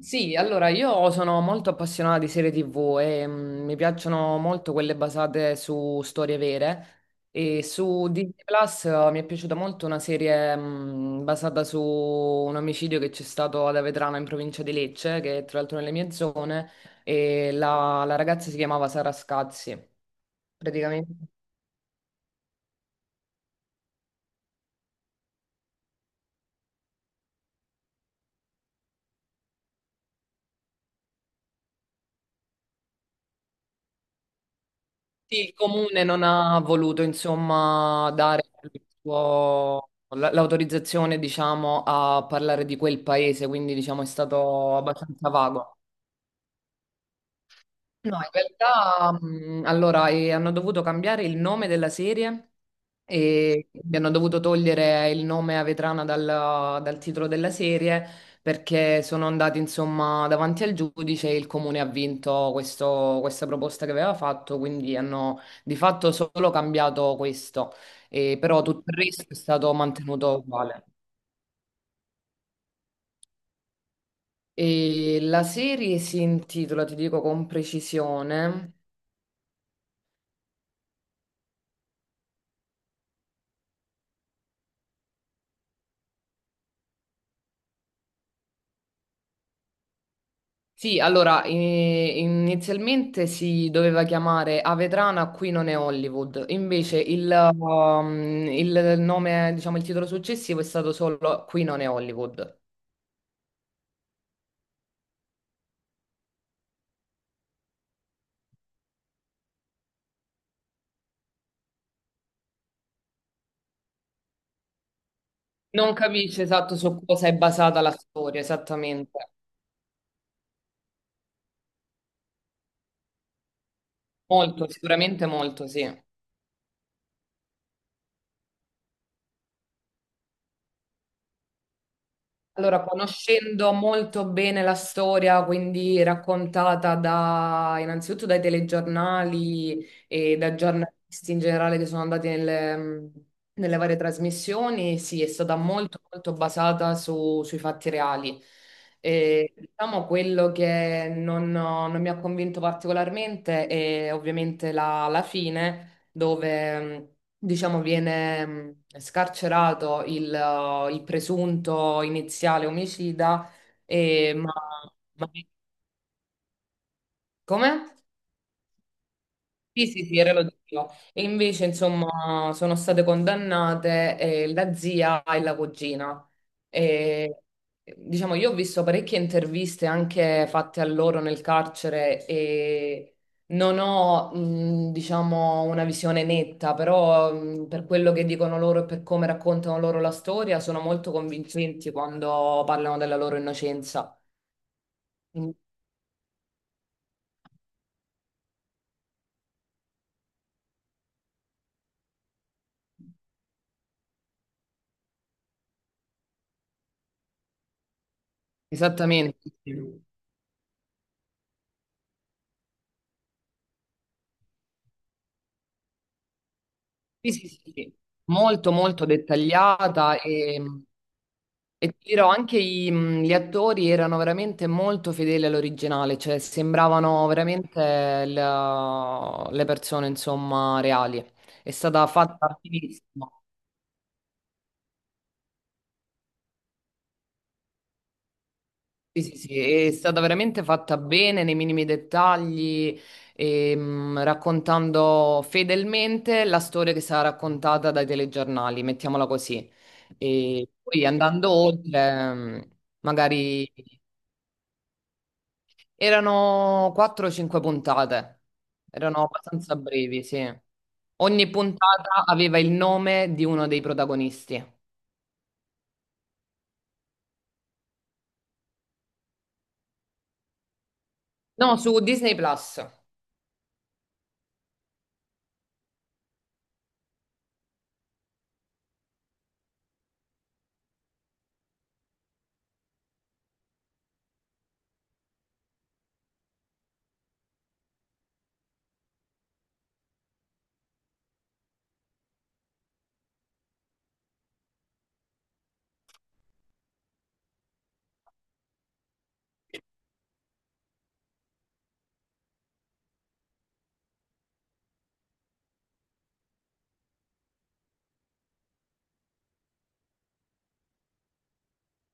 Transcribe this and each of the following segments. Sì, allora io sono molto appassionata di serie TV e mi piacciono molto quelle basate su storie vere e su Disney Plus, mi è piaciuta molto una serie basata su un omicidio che c'è stato ad Avetrano in provincia di Lecce, che è tra l'altro nelle mie zone, e la ragazza si chiamava Sara Scazzi. Praticamente sì, il comune non ha voluto, insomma, dare l'autorizzazione, diciamo, a parlare di quel paese, quindi, diciamo, è stato abbastanza vago. No, in realtà, allora, hanno dovuto cambiare il nome della serie e mi hanno dovuto togliere il nome a Vetrana dal titolo della serie perché sono andati, insomma, davanti al giudice e il comune ha vinto questa proposta che aveva fatto, quindi hanno di fatto solo cambiato questo, e però tutto il resto è stato mantenuto uguale. E la serie si intitola, ti dico con precisione. Sì, allora, inizialmente si doveva chiamare Avetrana, qui non è Hollywood, invece il, il nome, diciamo, il titolo successivo è stato solo Qui non è Hollywood. Non capisce esatto su cosa è basata la storia, esattamente. Molto, sicuramente molto, sì. Allora, conoscendo molto bene la storia, quindi raccontata da, innanzitutto dai telegiornali e da giornalisti in generale che sono andati nelle, nelle varie trasmissioni, sì, è stata molto, molto basata sui fatti reali. E, diciamo quello che non mi ha convinto particolarmente è ovviamente la fine dove diciamo viene scarcerato il presunto iniziale omicida, e, ma come? Sì, sì, sì, era relativo. E invece, insomma, sono state condannate, la zia e la cugina. E, diciamo, io ho visto parecchie interviste anche fatte a loro nel carcere e non ho, diciamo, una visione netta, però per quello che dicono loro e per come raccontano loro la storia, sono molto convincenti quando parlano della loro innocenza. Mm. Esattamente, sì. Sì, sì, sì, sì. Molto molto dettagliata e ti dirò anche gli attori erano veramente molto fedeli all'originale, cioè sembravano veramente le persone insomma reali. È stata fatta benissimo. Sì, sì, sì, è stata veramente fatta bene nei minimi dettagli, raccontando fedelmente la storia che sarà raccontata dai telegiornali, mettiamola così. E poi andando oltre, magari erano 4-5 puntate, erano abbastanza brevi, sì. Ogni puntata aveva il nome di uno dei protagonisti. No, su Disney Plus.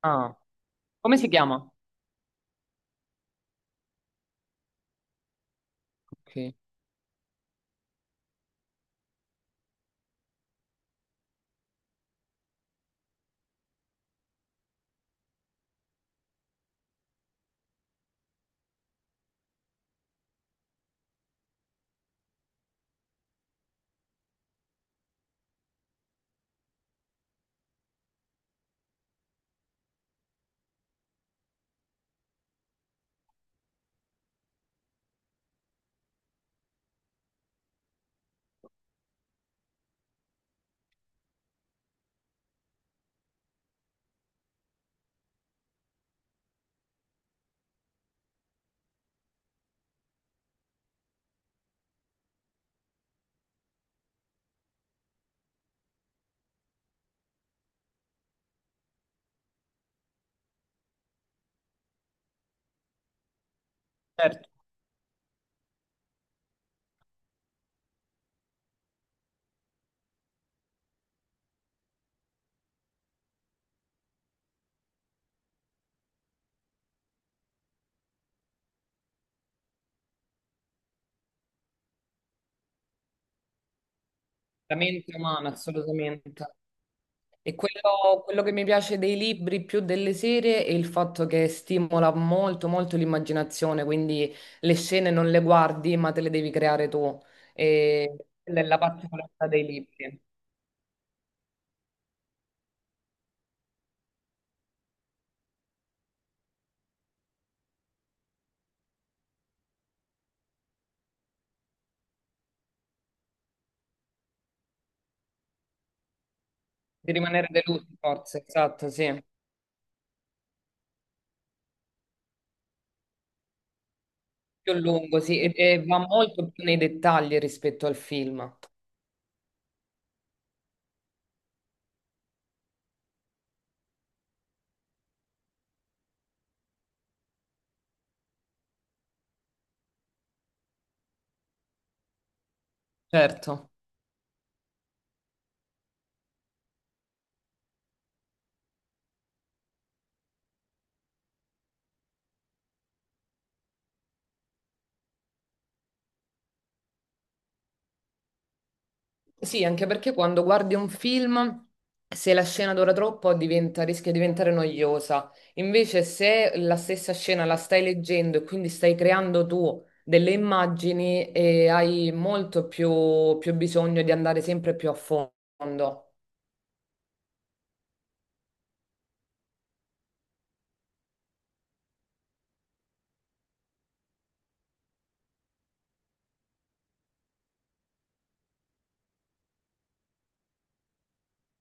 Ah, come si chiama? Ok. Certo. La mente umana, assolutamente. E quello che mi piace dei libri più delle serie è il fatto che stimola molto, molto l'immaginazione, quindi le scene non le guardi, ma te le devi creare tu. E quella è la particolarità dei libri. Di rimanere delusi, forse, esatto, sì. Più lungo, sì, e va molto più nei dettagli rispetto al film. Certo. Sì, anche perché quando guardi un film, se la scena dura troppo diventa- rischia di diventare noiosa. Invece, se la stessa scena la stai leggendo e quindi stai creando tu delle immagini, hai molto più, più bisogno di andare sempre più a fondo.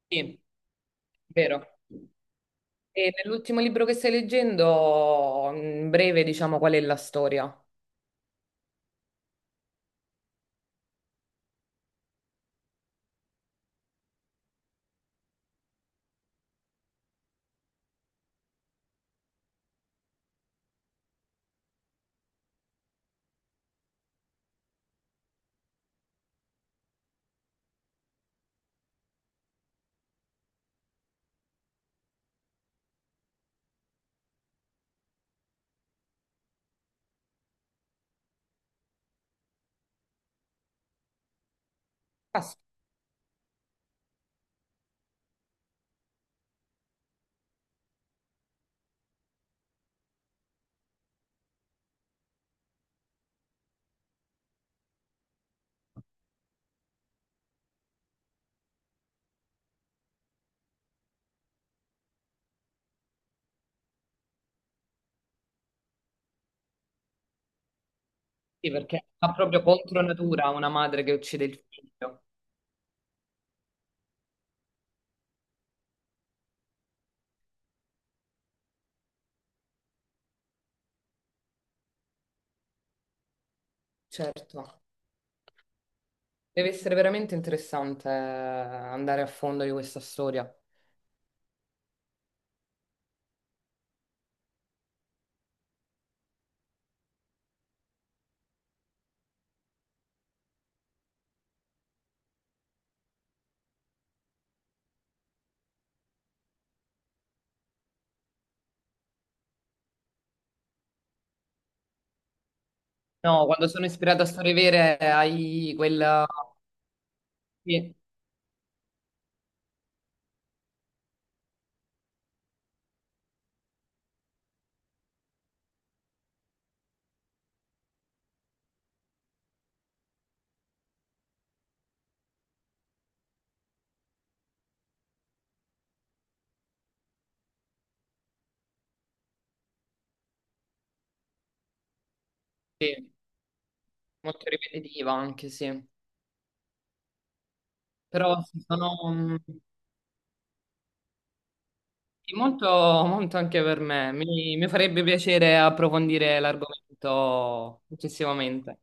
Sì, vero. E nell'ultimo libro che stai leggendo, in breve, diciamo qual è la storia. Ah, sì, perché va proprio contro natura una madre che uccide il figlio. Certo. Deve essere veramente interessante, andare a fondo di questa storia. No, quando sono ispirata a storie vere hai quella... Sì, sì, molto ripetitiva anche, sì. Però sì, sono sì, molto, molto anche per me. Mi farebbe piacere approfondire l'argomento successivamente.